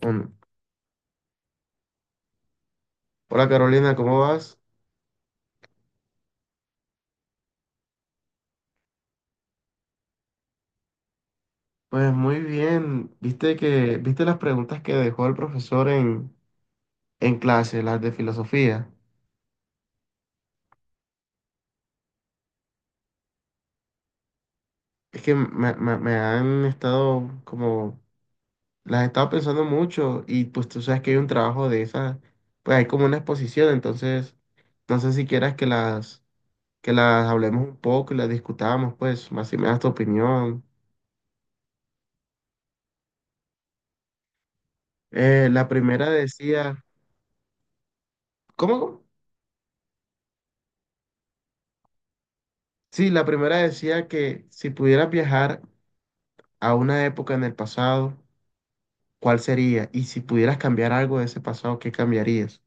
Bueno, hola Carolina, ¿cómo vas? Pues muy bien. ¿Viste que, viste las preguntas que dejó el profesor en clase, las de filosofía? Es que me han estado como, las he estado pensando mucho y pues tú sabes que hay un trabajo de esas, pues hay como una exposición, entonces no sé si quieras que las hablemos un poco y las discutamos, pues más si me das tu opinión. La primera decía, ¿cómo? ¿Cómo? Sí, la primera decía que si pudieras viajar a una época en el pasado, ¿cuál sería? Y si pudieras cambiar algo de ese pasado, ¿qué cambiarías?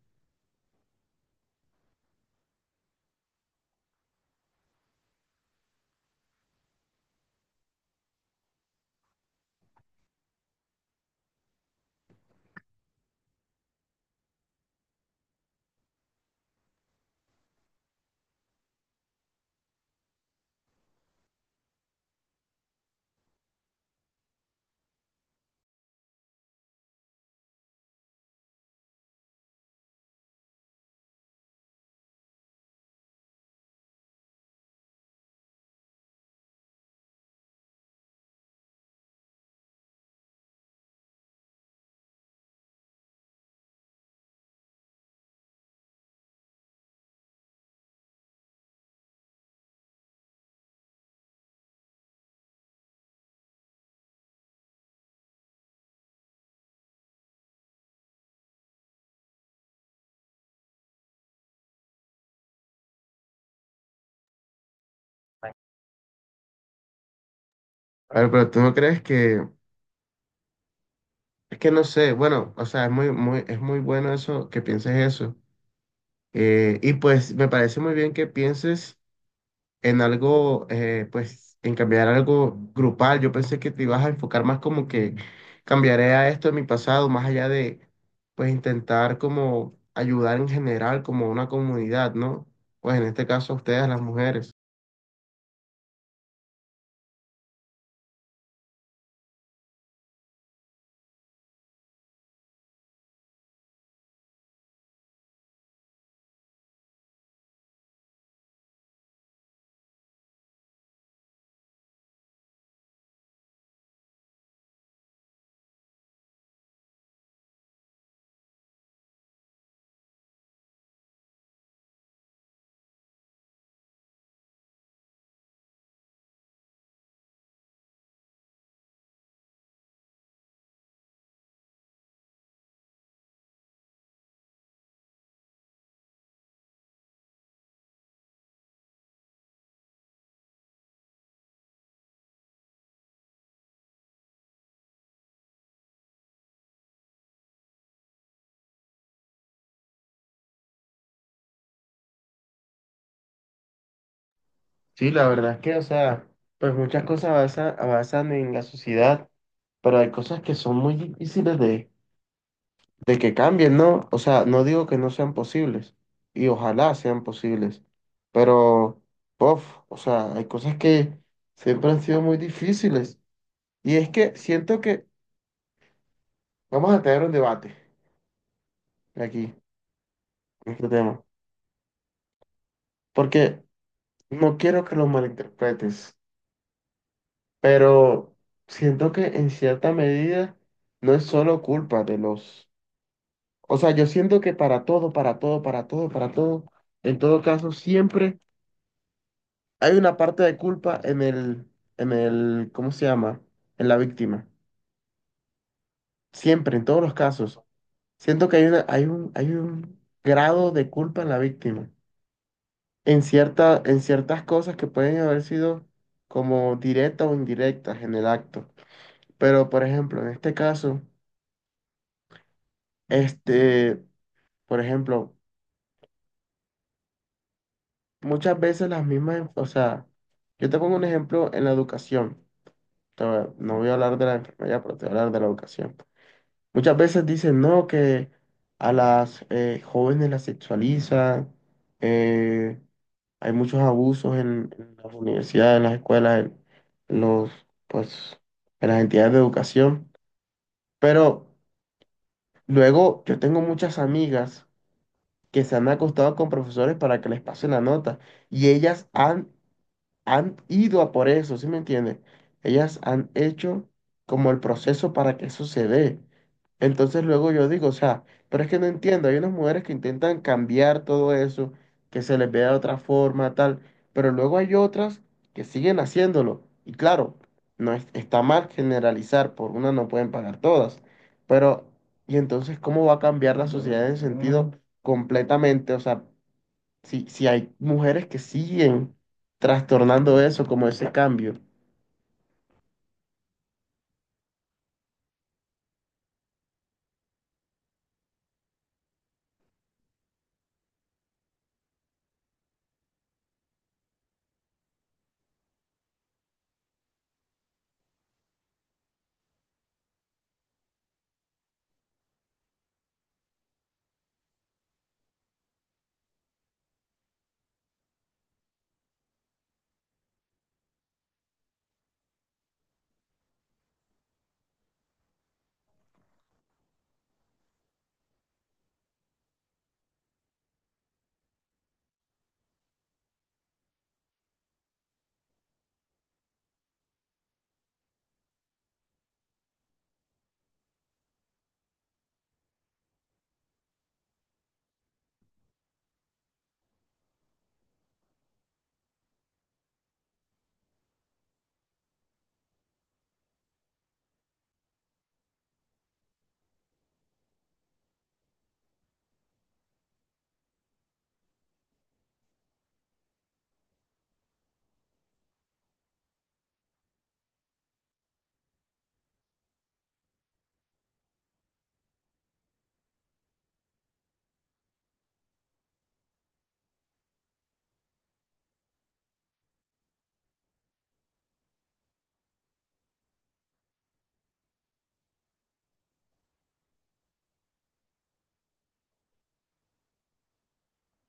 A ver, pero tú no crees que, es que no sé, bueno, o sea, es muy, es muy bueno eso, que pienses eso. Y pues me parece muy bien que pienses en algo, pues en cambiar algo grupal. Yo pensé que te ibas a enfocar más como que cambiaré a esto en mi pasado, más allá de, pues intentar como ayudar en general como a una comunidad, ¿no? Pues en este caso a ustedes, las mujeres. Sí, la verdad es que, o sea, pues muchas cosas avanzan en la sociedad, pero hay cosas que son muy difíciles de que cambien, ¿no? O sea, no digo que no sean posibles, y ojalá sean posibles, pero, puff, o sea, hay cosas que siempre han sido muy difíciles. Y es que siento que vamos a tener un debate aquí, en este tema, porque no quiero que lo malinterpretes, pero siento que en cierta medida no es solo culpa de los. O sea, yo siento que para todo, en todo caso, siempre hay una parte de culpa en el, ¿cómo se llama? En la víctima. Siempre, en todos los casos. Siento que hay hay un grado de culpa en la víctima. En ciertas cosas que pueden haber sido como directas o indirectas en el acto. Pero, por ejemplo, en este caso, este, por ejemplo, muchas veces las mismas, o sea, yo te pongo un ejemplo en la educación, no voy a hablar de la enfermería, pero te voy a hablar de la educación. Muchas veces dicen, no, que a las jóvenes las sexualizan, eh, hay muchos abusos en las universidades, en las escuelas, en los, pues, en las entidades de educación. Pero luego yo tengo muchas amigas que se han acostado con profesores para que les pasen la nota y ellas han ido a por eso, ¿sí me entiendes? Ellas han hecho como el proceso para que eso se dé. Entonces luego yo digo, o sea, pero es que no entiendo, hay unas mujeres que intentan cambiar todo eso, que se les vea de otra forma, tal, pero luego hay otras que siguen haciéndolo. Y claro, no es- está mal generalizar, por una no pueden pagar todas, pero ¿y entonces cómo va a cambiar la sociedad en sentido completamente? O sea, si hay mujeres que siguen trastornando eso, como ese cambio.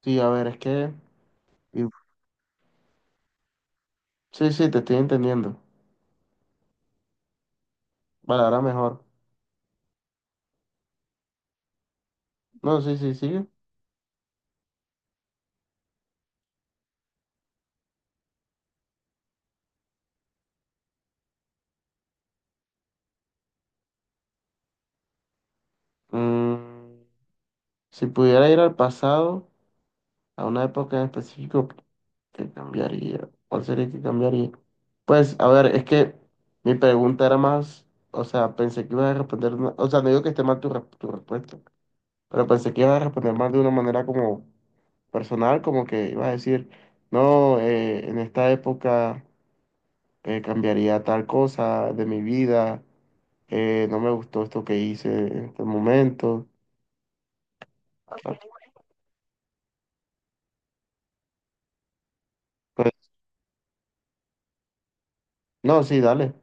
Sí, a ver, es que... y- Sí, sí, te estoy entendiendo. Vale, ahora mejor. No, sí, sí, sigue. Mm, si pudiera ir al pasado, a una época en específico, ¿qué cambiaría? ¿Cuál sería que cambiaría? Pues, a ver, es que mi pregunta era más... O sea, pensé que ibas a responder... O sea, no digo que esté mal tu respuesta. Pero pensé que ibas a responder más de una manera como personal, como que ibas a decir, no, en esta época cambiaría tal cosa de mi vida, no me gustó esto que hice en este momento. Ah, pues, no, sí, dale.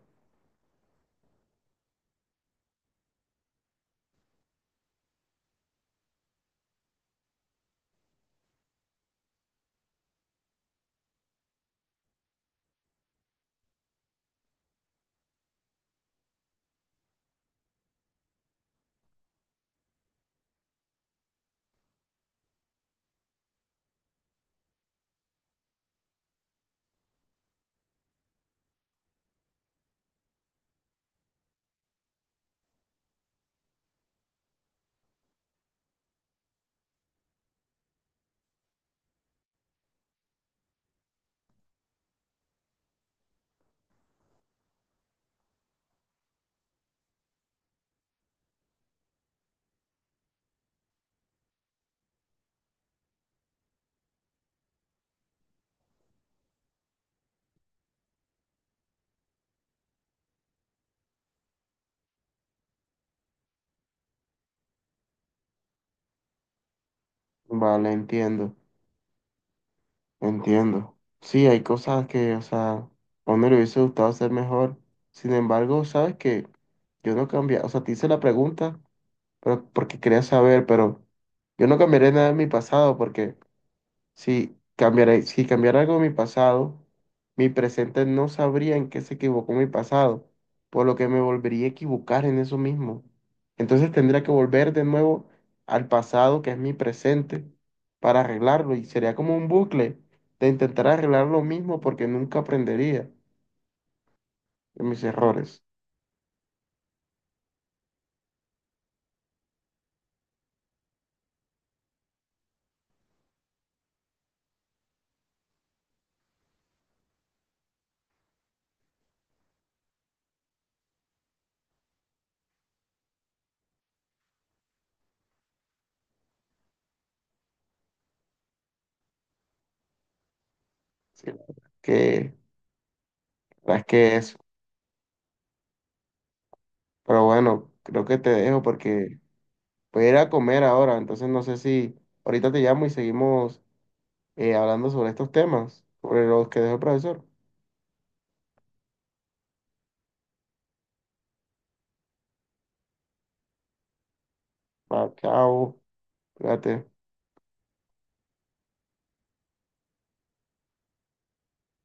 Vale, entiendo, entiendo. Sí, hay cosas que, o sea, a uno le hubiese gustado hacer mejor. Sin embargo, sabes que yo no cambié, o sea, te hice la pregunta, pero porque quería saber, pero yo no cambiaré nada en mi pasado porque... Si cambiaré, si cambiara algo de mi pasado, mi presente no sabría en qué se equivocó mi pasado, por lo que me volvería a equivocar en eso mismo. Entonces tendría que volver de nuevo al pasado, que es mi presente, para arreglarlo. Y sería como un bucle de intentar arreglar lo mismo porque nunca aprendería de mis errores. Sí, la verdad que, la verdad es que eso. Pero bueno, creo que te dejo porque voy a ir a comer ahora. Entonces no sé si ahorita te llamo y seguimos hablando sobre estos temas, sobre los que dejó el profesor. Ah, chao, cuídate.